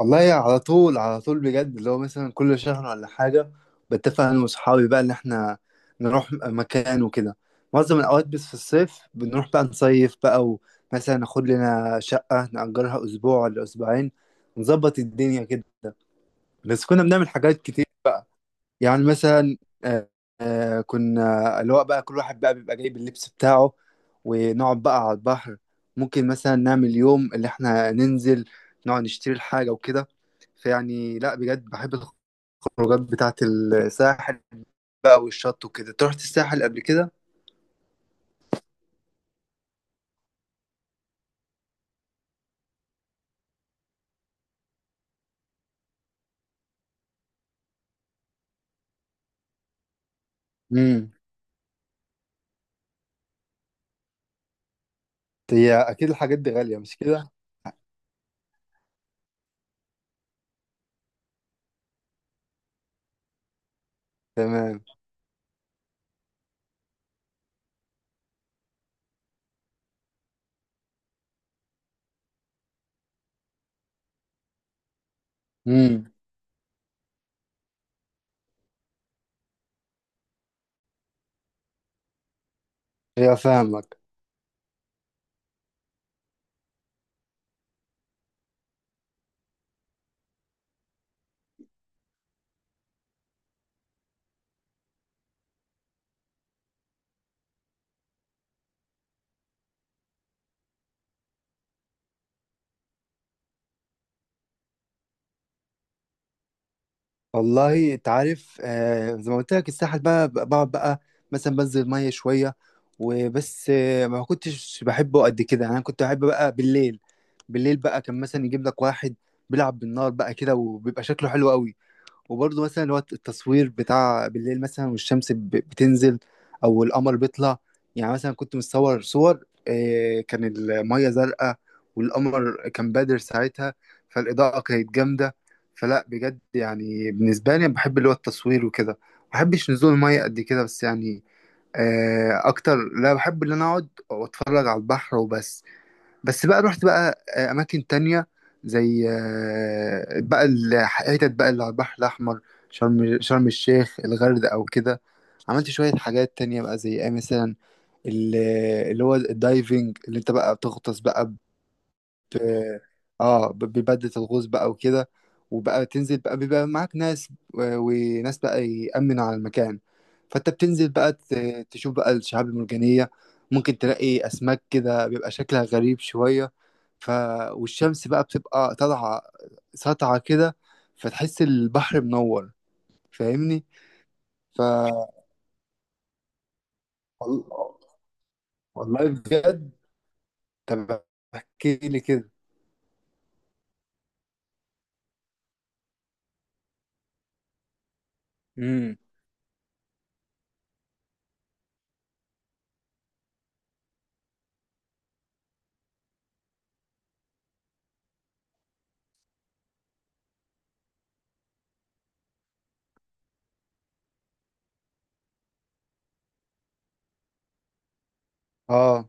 والله يعني على طول على طول بجد اللي هو مثلا كل شهر ولا حاجة. بتفق أنا وصحابي بقى إن إحنا نروح مكان وكده. معظم الأوقات بس في الصيف بنروح بقى نصيف بقى. ومثلا ناخد لنا شقة نأجرها أسبوع ولا أسبوعين، نظبط الدنيا كده. بس كنا بنعمل حاجات كتير. يعني مثلا آه، كنا اللي هو بقى كل واحد بقى بيبقى جايب اللبس بتاعه ونقعد بقى على البحر. ممكن مثلا نعمل يوم اللي احنا ننزل نقعد نشتري الحاجة وكده. فيعني لا بجد بحب الخروجات بتاعة الساحل بقى والشط وكده. أنت رحت الساحل قبل كده؟ امم. هي اكيد الحاجات دي غالية مش كده؟ تمام. امم. هي فاهمك. والله انت عارف، آه زي ما قلت لك الساحل بقعد بقى مثلا بنزل ميه شويه وبس. آه، ما كنتش بحبه قد كده، يعني انا كنت بحب بقى بالليل. بالليل بقى كان مثلا يجيب لك واحد بيلعب بالنار بقى كده وبيبقى شكله حلو قوي. وبرضه مثلا اللي هو التصوير بتاع بالليل، مثلا والشمس بتنزل او القمر بيطلع. يعني مثلا كنت متصور صور، كان المية زرقاء والقمر كان بادر ساعتها، فالإضاءة كانت جامدة. فلا بجد يعني بالنسبة لي بحب اللي هو التصوير وكده، ما بحبش نزول المية قد كده، بس يعني أكتر لا بحب اللي أنا أقعد وأتفرج على البحر وبس. بس بقى رحت بقى اماكن تانية زي بقى الحتت بقى اللي على البحر الاحمر. شرم الشيخ، الغردقة او كده. عملت شوية حاجات تانية بقى زي ايه مثلا؟ ال- اللي هو الدايفنج، اللي انت بقى بتغطس بقى. ت- بيبدل الغوص بقى وكده. وبقى تنزل بقى، بيبقى معاك ناس وناس بقى يأمن على المكان. فانت بتنزل بقى تشوف بقى الشعاب المرجانية. ممكن تلاقي أسماك كده بيبقى شكلها غريب شوية. ف والشمس بقى بتبقى طالعة ساطعة كده، فتحس البحر منور. فاهمني. ف وال- والله بجد. طب احكي لي كده. امم. اه.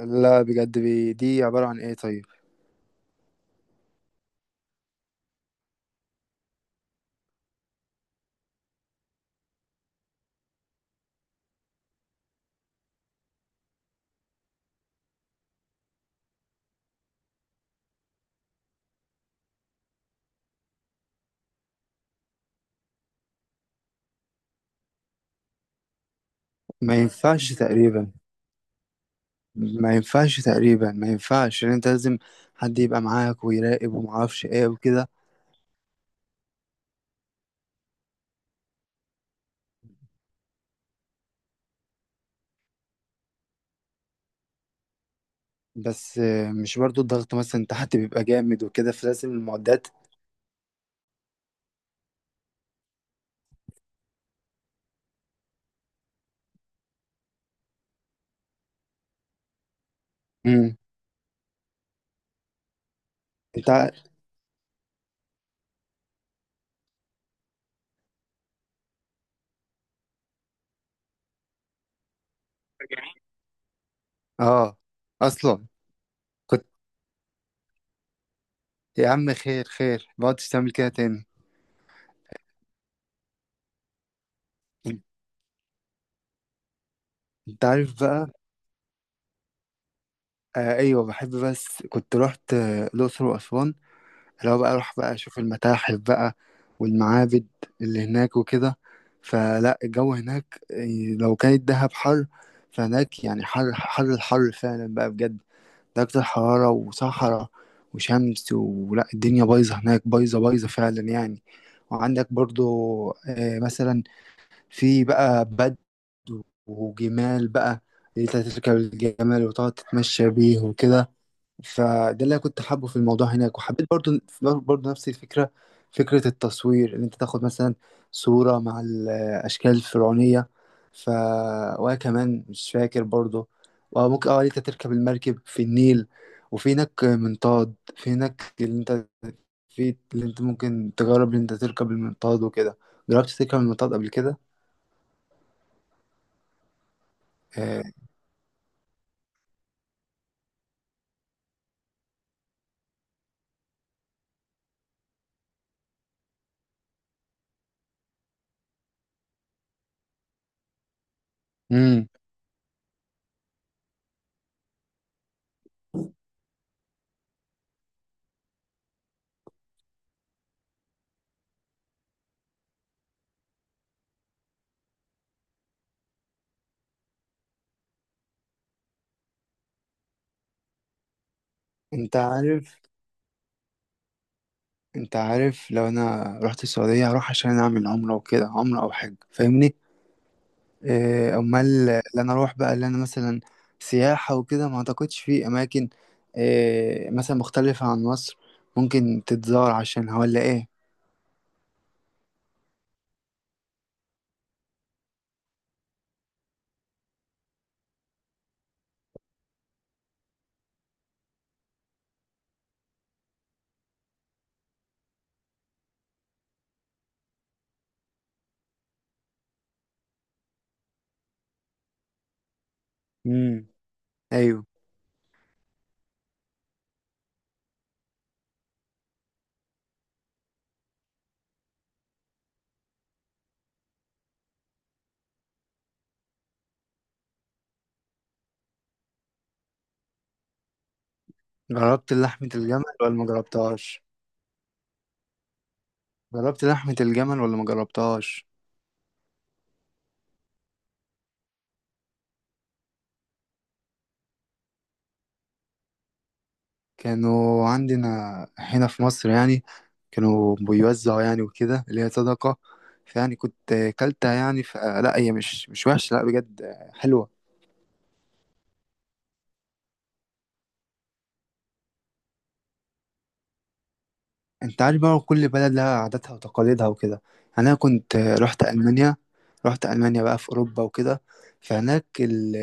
لا بجد، دي عبارة عن ايه طيب؟ ما ينفعش تقريبا، ما ينفعش ان انت لازم حد يبقى معاك ويراقب ومعرفش ايه وكده. بس آه، مش برضو الضغط مثلا تحت بيبقى جامد وكده فلازم المعدات. امم. انت ع- اه اصلا كنت. يا عم خير خير، ما عدتش تعمل كده تاني. انت عارف بقى، آه ايوه بحب. بس كنت رحت الاقصر واسوان، اللي هو بقى اروح بقى اشوف المتاحف بقى والمعابد اللي هناك وكده. فلا الجو هناك إيه، لو كانت دهب حر فهناك يعني حر حر، الحر فعلا بقى بجد، درجة حرارة وصحراء وشمس. ولا الدنيا بايظة هناك، بايظة بايظة فعلا يعني. وعندك برضو مثلا في بقى بدو وجمال بقى، اللي انت تركب الجمال وتقعد تتمشى بيه وكده. فده اللي أنا كنت حابه في الموضوع هناك. وحبيت برضو برضو نفس الفكرة، فكرة التصوير إن أنت تاخد مثلا صورة مع الأشكال الفرعونية. ف وأنا كمان مش فاكر برضو. وممكن اه إن أنت تركب المركب في النيل. وفي هناك منطاد، في هناك اللي أنت ممكن تجرب إن أنت تركب المنطاد وكده. جربت تركب المنطاد قبل كده؟ آه. امم. أنت عارف، انت عارف لو انا رحت السعودية هروح عشان اعمل عمرة وكده، عمرة او حج، فاهمني. اه، امال اللي انا اروح بقى، اللي انا مثلا سياحة وكده، ما اعتقدش في اماكن اه، مثلا مختلفة عن مصر ممكن تتزار عشانها ولا ايه. امم. ايوه. جربت لحمة الجمل ولا ما جربتهاش جربت لحمة الجمل ولا ما جربتهاش؟ كانوا عندنا هنا في مصر يعني، كانوا بيوزعوا يعني وكده اللي هي صدقة. فيعني كنت كلتها يعني، ف لا هي مش وحشة، لا بجد حلوة. انت عارف بقى كل بلد لها عاداتها وتقاليدها وكده. يعني انا كنت رحت ألمانيا، رحت ألمانيا بقى في أوروبا وكده. فهناك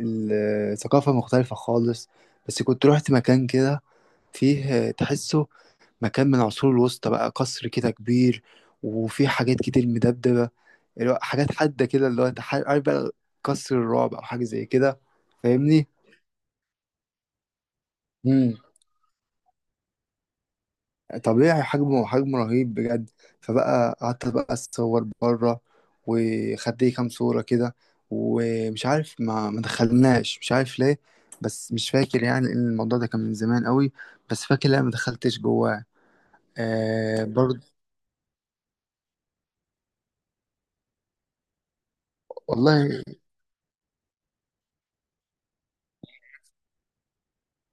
ال- الثقافة مختلفة خالص. بس كنت رحت مكان كده فيه تحسه مكان من العصور الوسطى بقى، قصر كده كبير وفيه حاجات كتير مدبدبة، اللي هو حاجات حادة كده، اللي هو عارف بقى قصر الرعب أو حاجة زي كده، فاهمني؟ امم. طبيعي حجمه، رهيب بجد. فبقى قعدت بقى اتصور بره، وخدت لي كام صورة كده. ومش عارف، ما دخلناش، مش عارف ليه. بس مش فاكر يعني ان الموضوع ده كان من زمان قوي، بس فاكر لا ما دخلتش جواه آه برضه. والله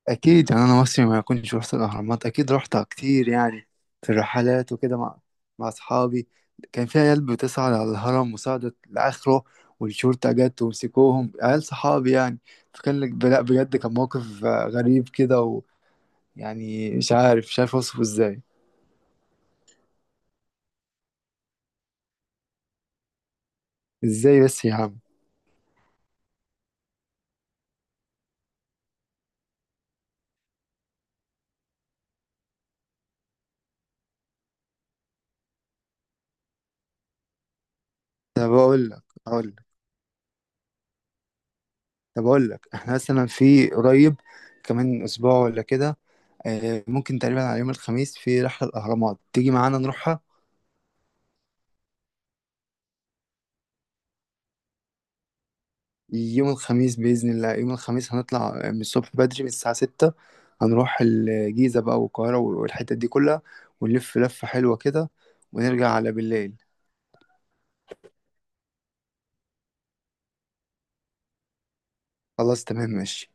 اكيد، يعني انا مصري ما كنتش رحت الاهرامات؟ اكيد رحتها كتير يعني، في الرحلات وكده مع مع اصحابي. كان في عيال بتصعد على الهرم وصعدت لاخره، والشرطه جت ومسكوهم عيال صحابي يعني. فكان لك لا بجد كان موقف غريب كده، ويعني مش عارف اوصفه ازاي. ازاي بس يا عم؟ طب اقول لك احنا مثلا في قريب، كمان اسبوع ولا كده، ممكن تقريبا على يوم الخميس في رحله الاهرامات، تيجي معانا نروح؟ يوم الخميس بإذن الله، يوم الخميس هنطلع من الصبح بدري من الساعة 6. هنروح الجيزة بقى والقاهرة والحتت دي كلها، ونلف لفة حلوة كده، ونرجع على بالليل. خلاص تمام ماشي.